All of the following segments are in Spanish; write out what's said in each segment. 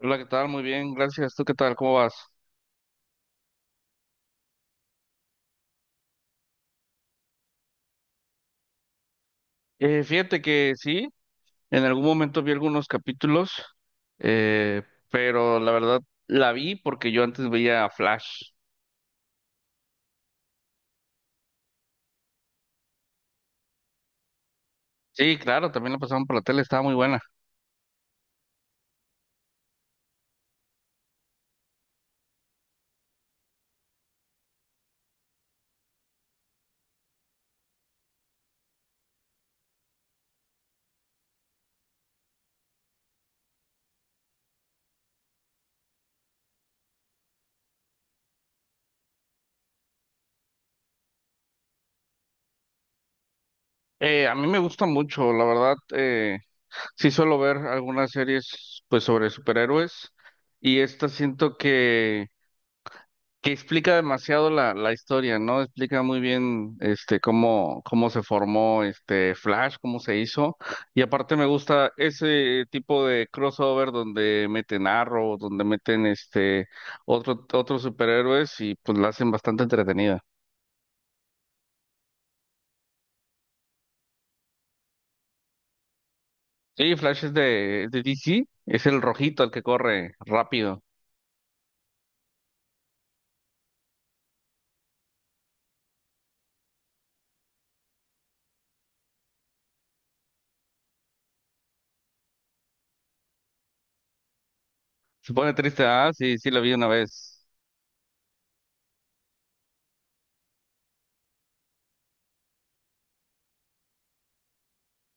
Hola, ¿qué tal? Muy bien, gracias. ¿Tú qué tal? ¿Cómo vas? Fíjate que sí, en algún momento vi algunos capítulos, eh, pero la verdad la vi porque yo antes veía Flash. Sí, claro, también la pasaban por la tele, estaba muy buena. A mí me gusta mucho, la verdad, sí suelo ver algunas series pues sobre superhéroes y esta siento que explica demasiado la historia, ¿no? Explica muy bien este cómo, cómo se formó este Flash, cómo se hizo. Y aparte me gusta ese tipo de crossover donde meten Arrow, donde meten este otros superhéroes y pues la hacen bastante entretenida. Sí, Flash es de DC, es el rojito el que corre rápido. Se pone triste, ah, sí, sí lo vi una vez.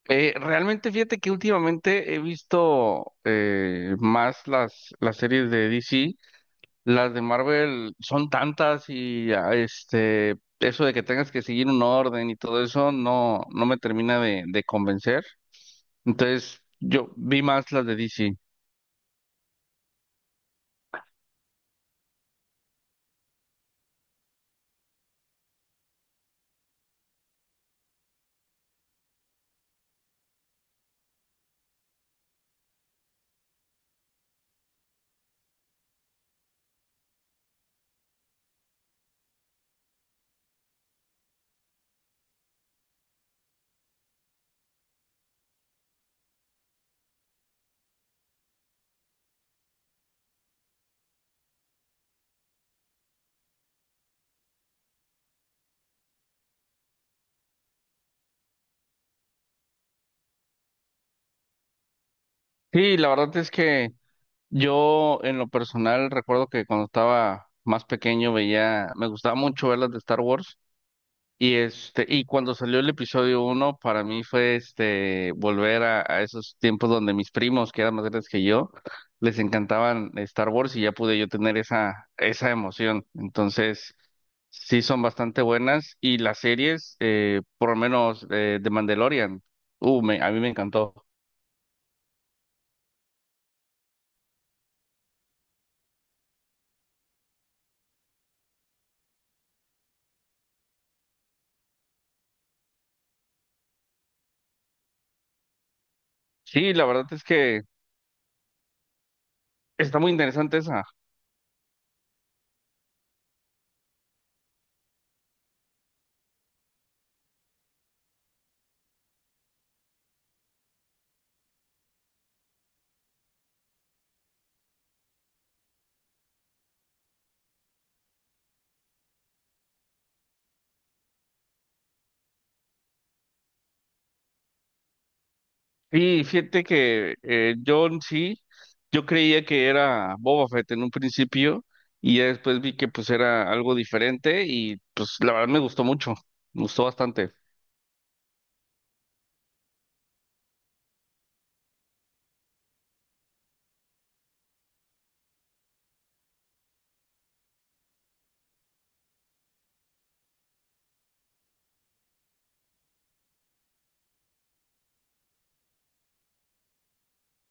Realmente fíjate que últimamente he visto más las series de DC. Las de Marvel son tantas y este, eso de que tengas que seguir un orden y todo eso no, no me termina de convencer. Entonces, yo vi más las de DC. Sí, la verdad es que yo en lo personal recuerdo que cuando estaba más pequeño veía, me gustaba mucho ver las de Star Wars. Y cuando salió el episodio uno, para mí fue este volver a esos tiempos donde mis primos, que eran más grandes que yo, les encantaban Star Wars y ya pude yo tener esa emoción. Entonces, sí son bastante buenas. Y las series, por lo menos de Mandalorian, a mí me encantó. Sí, la verdad es que está muy interesante esa. Y fíjate que John sí, yo creía que era Boba Fett en un principio y ya después vi que pues era algo diferente y pues la verdad me gustó mucho, me gustó bastante.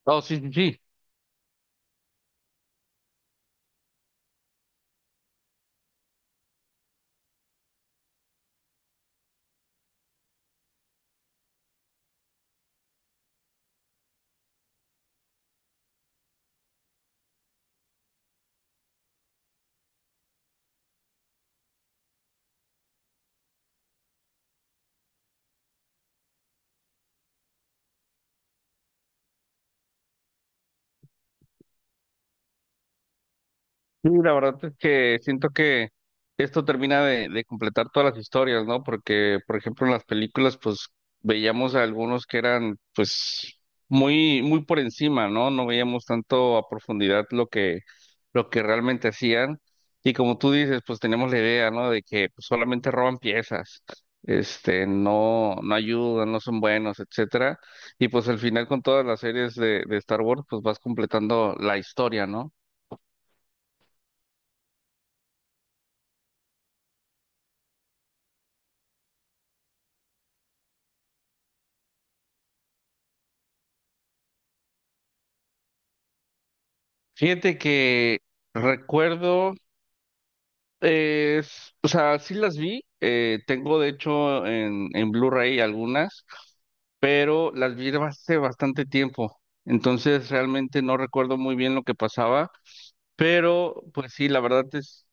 Oh, sí, sí, sí. Sí, la verdad es que siento que esto termina de completar todas las historias, ¿no? Porque, por ejemplo, en las películas, pues veíamos a algunos que eran, pues, muy, muy por encima, ¿no? No veíamos tanto a profundidad lo que realmente hacían. Y como tú dices, pues tenemos la idea, ¿no? De que pues, solamente roban piezas, este, no, no ayudan, no son buenos, etcétera. Y pues al final con todas las series de Star Wars, pues vas completando la historia, ¿no? Fíjate que recuerdo, o sea, sí las vi, tengo de hecho en Blu-ray algunas, pero las vi hace bastante tiempo, entonces realmente no recuerdo muy bien lo que pasaba, pero pues sí, la verdad es,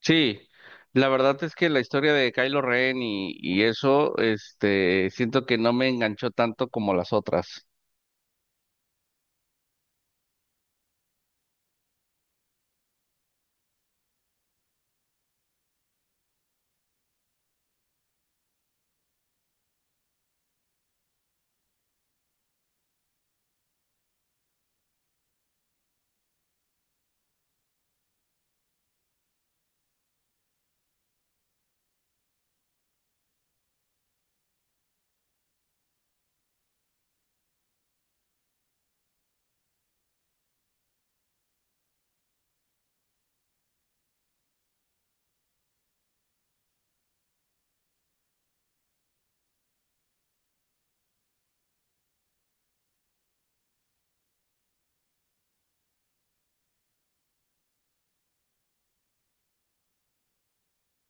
sí, la verdad es que la historia de Kylo Ren y eso, este, siento que no me enganchó tanto como las otras.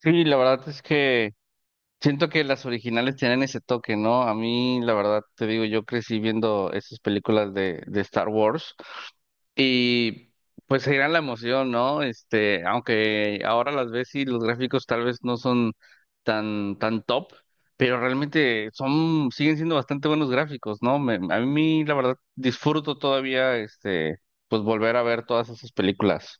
Sí, la verdad es que... Siento que las originales tienen ese toque, ¿no? A mí, la verdad, te digo, yo crecí viendo esas películas de Star Wars y pues era la emoción, ¿no? Este, aunque ahora las ves y los gráficos tal vez no son tan, tan top, pero realmente son, siguen siendo bastante buenos gráficos, ¿no? A mí, la verdad, disfruto todavía, este, pues volver a ver todas esas películas.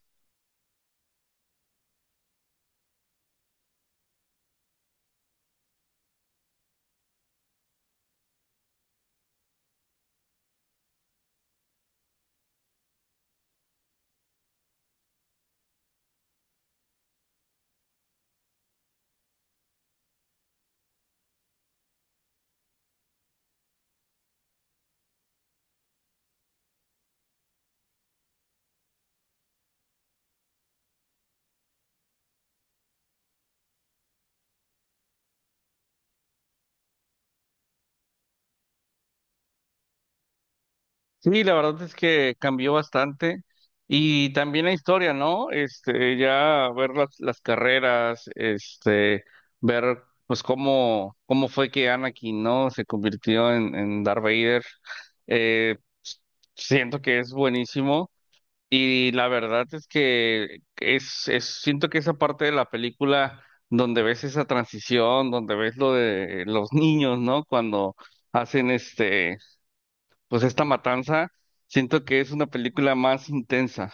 Sí, la verdad es que cambió bastante y también la historia, ¿no? Este, ya ver las carreras, este, ver pues cómo, cómo fue que Anakin, ¿no? Se convirtió en Darth Vader. Eh, Siento que es buenísimo y la verdad es que es, siento que esa parte de la película donde ves esa transición, donde ves lo de los niños, ¿no? Cuando hacen este pues esta matanza, siento que es una película más intensa.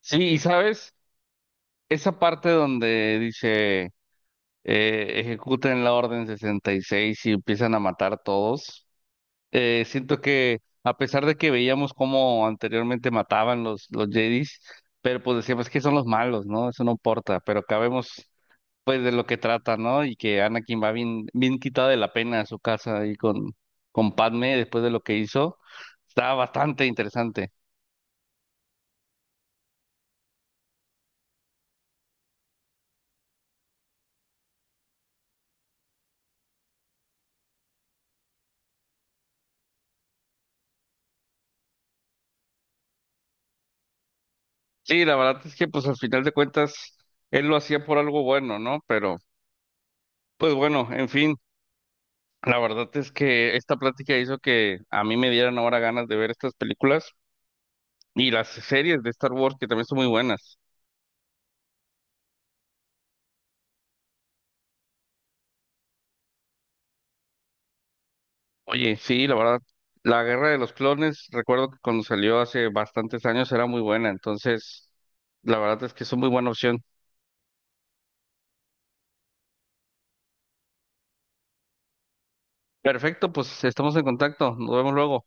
Sí, y sabes, esa parte donde dice, ejecuten la orden 66 y empiezan a matar todos, siento que a pesar de que veíamos cómo anteriormente mataban los Jedis, pero pues decíamos que son los malos, ¿no? Eso no importa, pero acá vemos pues de lo que trata, ¿no? Y que Anakin va bien, bien quitado de la pena a su casa ahí con Padme después de lo que hizo. Está bastante interesante. Sí, la verdad es que pues al final de cuentas él lo hacía por algo bueno, ¿no? Pero pues bueno, en fin, la verdad es que esta plática hizo que a mí me dieran ahora ganas de ver estas películas y las series de Star Wars que también son muy buenas. Oye, sí, la verdad, la Guerra de los Clones, recuerdo que cuando salió hace bastantes años era muy buena, entonces la verdad es que es una muy buena opción. Perfecto, pues estamos en contacto, nos vemos luego.